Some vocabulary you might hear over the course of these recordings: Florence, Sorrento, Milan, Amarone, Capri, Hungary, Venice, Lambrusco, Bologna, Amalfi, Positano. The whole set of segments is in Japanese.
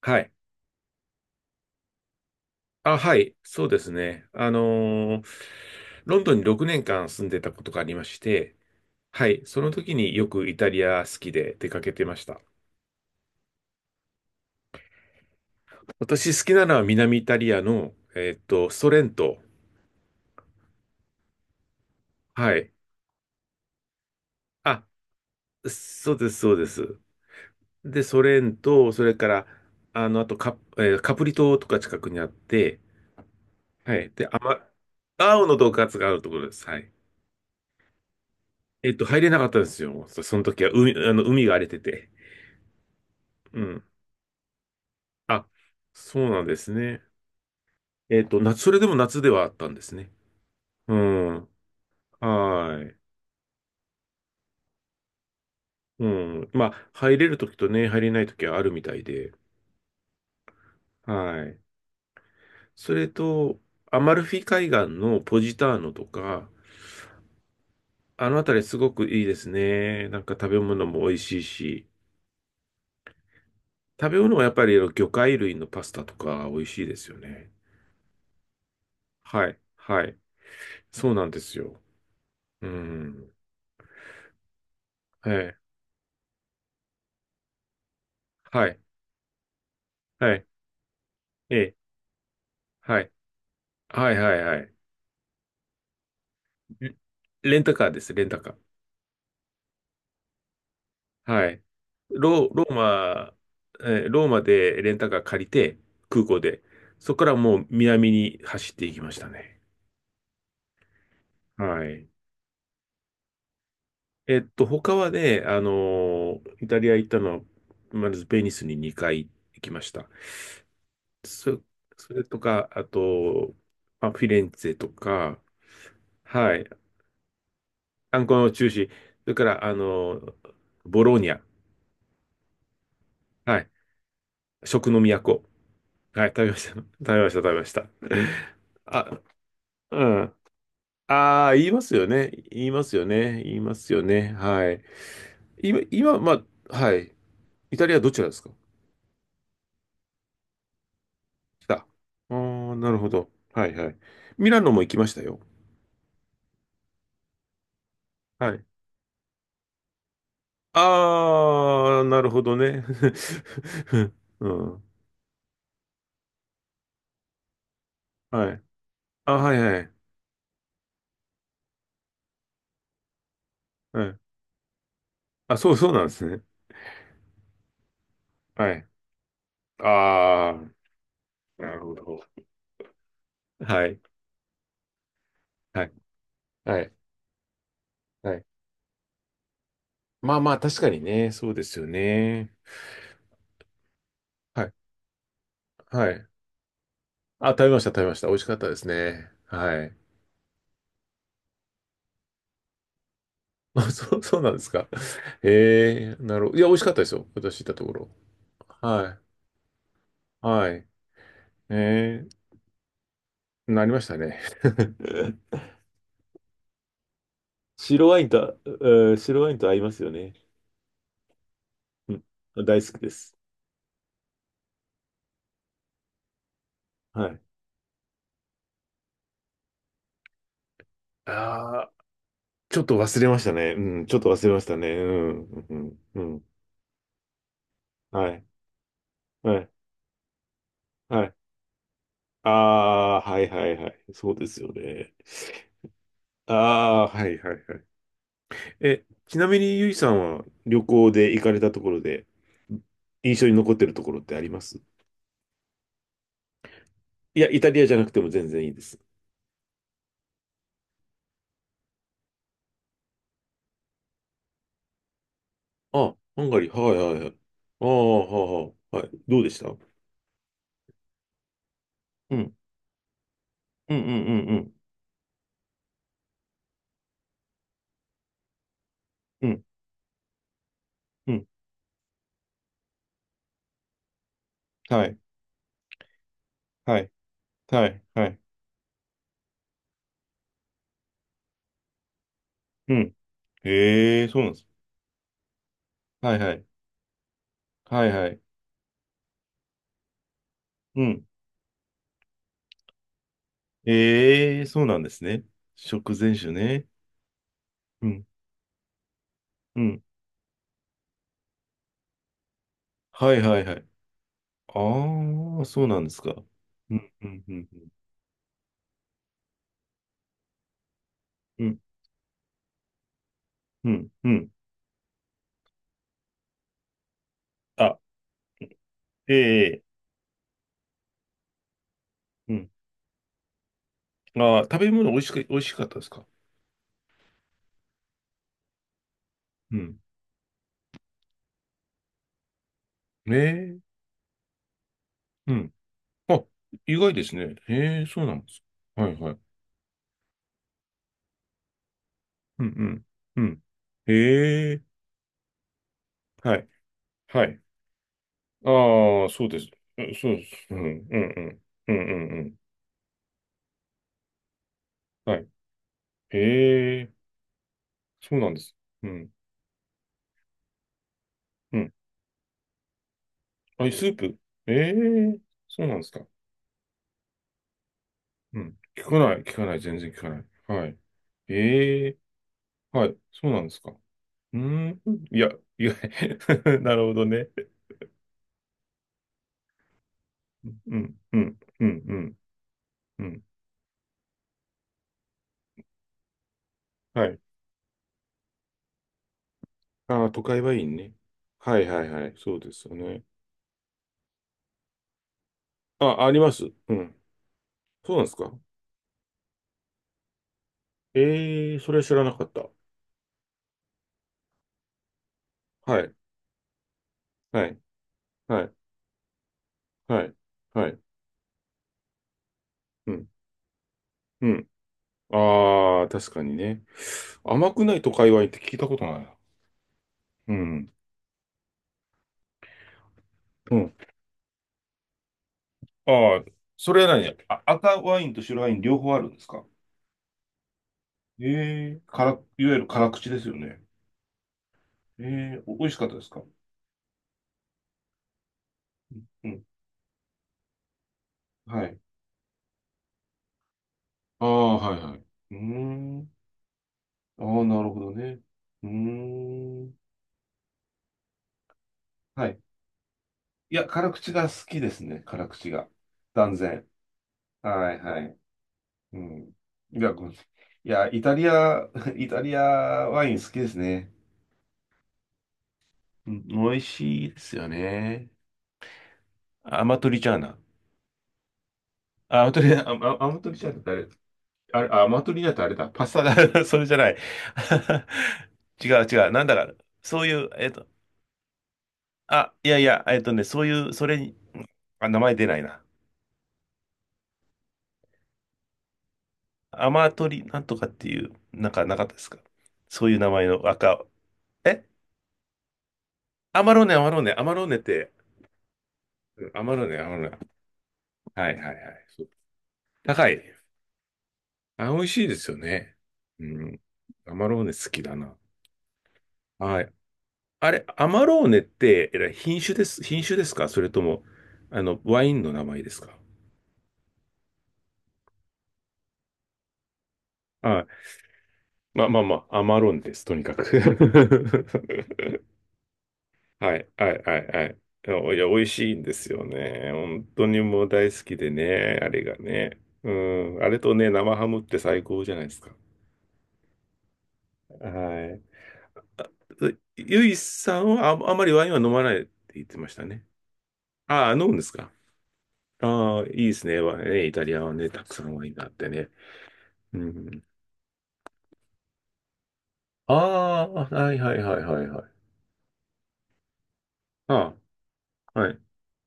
はい。あ、はい。そうですね。ロンドンに6年間住んでたことがありまして、はい。その時によくイタリア好きで出かけてました。私好きなのは南イタリアの、ソレント。はい。あ、そうです、そうです。で、ソレント、それから、あの、あとカ、えーカプリ島とか近くにあって、はい。で、あま、青の洞窟があるところです。はい。入れなかったんですよ。その時は海、あの、海が荒れてて。うん。あ、そうなんですね。えっと、夏、それでも夏ではあったんですね。うん。はーい。うん。まあ、入れるときとね、入れないときはあるみたいで。はい。それと、アマルフィ海岸のポジターノとか、あのあたりすごくいいですね。なんか食べ物も美味しいし、食べ物はやっぱりあの魚介類のパスタとか美味しいですよね。はい。はい。そうなんですよ。うん。はい。はい。はい。ええ。はい。はいはいはい。レレンタカーです、レンタカー。はい。ローマ、ローマでレンタカー借りて、空港で。そこからもう南に走っていきましたね。はい。えっと、他はね、イタリア行ったのは、まずベニスに2回行きました。そ、それとか、あと、まあ、フィレンツェとか、はい。観光の中心。それから、ボローニャ。はい。食の都。はい、食べました。食べました、食べました。あ、うん。ああ、言いますよね。言いますよね。言いますよね。はい。今、今、まあ、はい。イタリアどちらですか？来た。ああ、なるほど。はい、はい。ミラノも行きましたよ。はい。ああ、なるほどね。うん。はい。あ、はい、はい。はい。あ、そう、そうなんですね。はい。ああ、なるほど。はい。はい。はい。はい。まあまあ、確かにね、そうですよね。はい、はい。あ、食べました、食べました。美味しかったですね。はい。あ、そう、そうなんですか。ええ、なるほど。いや、美味しかったですよ。私行ったところ。はい、はい。ええ、なりましたね。白ワインと、白ワインと合いますよね。うん。大好きです。はい。ああ、ちょっと忘れましたね。うん、ちょっと忘れましたね。うん、うん、うん。うん。はい、はい、はい。ああ、はい、はい、はい。そうですよね。ああ、はいはいはい。え、ちなみにゆいさんは旅行で行かれたところで、印象に残ってるところってあります？いや、イタリアじゃなくても全然いいです。あ、ハンガリー、はいはいはい。ああ、はあ、はい。どうでした？うん、うん、うん、うん、うん、うん、うん。はい、はい、はい、はい、うん。へえ、そうなんです。はいはい、はいはい、うん。ええ、そうなんですね。食前酒ね。うん、うん。はいはいはい。ああ、そうなんですか。うん、うん、うん、うん、うん、うん。あ、ええ、うん。ああ、食べ物美味しく、美味しかったですか？うん。ええ、うん。あ、意外ですね。ええ、そうなんです。はいはい。うん、うん、うん。ええ、はい、はい。ああ、そうです。うん、そうです。うん、うん、うん、うん、うん。うん。はい。ええ、そうなんです。うん、うん。あ、スープ。ええ、そうなんですか。うん。聞かない、聞かない、全然聞かない。はい。ええ。はい、そうなんですか。うーん、いや、いや、なるほどね。うん、うん、うん、うん、うん。はい。ああ、都会はいいね。はい、はい、はい、そうですよね。あ、あります。うん。そうなんですか。ええ、それは知らなかった。はい、はい、はい、はい、はい、うん、うん。ああ、確かにね。甘くない都会はいいって聞いたことないな。うん、うん。ああ、それは何？あ、赤ワインと白ワイン両方あるんですか？ええ、から、いわゆる辛口ですよね。ええ、お美味しかったですか？うん。はい。ああ、はいはい。うーん。ああ、なるほどね。うーん。はい。いや、辛口が好きですね。辛口が。断然。はいはい。うん。いや、ごめん、いや、イタリア、イタリアワイン好きですね。うん、美味しいですよね。アマトリチャーナ。アマトリじゃなくてあれ、あれ、あ、アマトリだとあれだ、パスタだ、それじゃない。違う違う、なんだか、そういう、えっと、あ、いやいや、えっとね、そういう、それに、あ、名前出ないな。アマトリなんとかっていう、なんかなかったですか？そういう名前の赤、え、アマローネ、アマローネ、アマローネって、うん、アマローネ、アマローネ。はいはいはい。そう、高い。あ、美味しいですよね。うん。アマローネ好きだな。はい。あれ、アマローネって、品種です、品種ですか？それとも、あの、ワインの名前ですか？はい。まあまあまあ、アマローネです、とにかく。はい、はい、はい、はい。いや、美味しいんですよね。本当にもう大好きでね、あれがね。うん、あれとね、生ハムって最高じゃないですか。はい。あ、ゆいさんは、あ、あまりワインは飲まないって言ってましたね。ああ、飲むんですか？ああ、いいですね。わイねイタリアはね、たくさんワインがあってね。うん。ああー、はいはいはいはいはい。ああ、はい。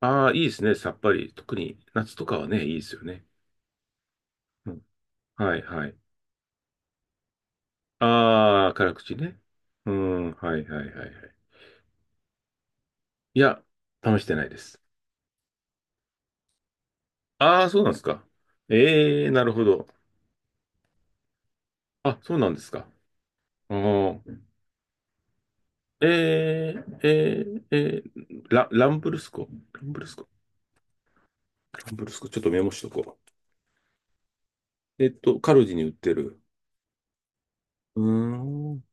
ああ、いいですね、さっぱり。特に夏とかはね、いいですよね。うん。はいはい。ああ、辛口ね。うん、はいはいはいはい。いや、試してないです。ああ、そうなんですか。ええ、なるほど。あ、そうなんですか。あー、えー、えー、えー、ランブルスコ。ランブルスコ。ランブルスコ。ちょっとメモしとこう。えっと、カルディに売ってる。うーん。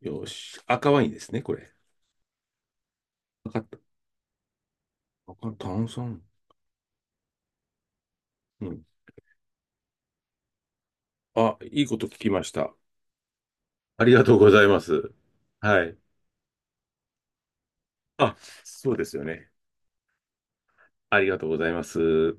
よし。赤ワインですね、これ。分かった。わかん炭酸。うん。あ、いいこと聞きました。ありがとうございます。はい。あ、そうですよね。ありがとうございます。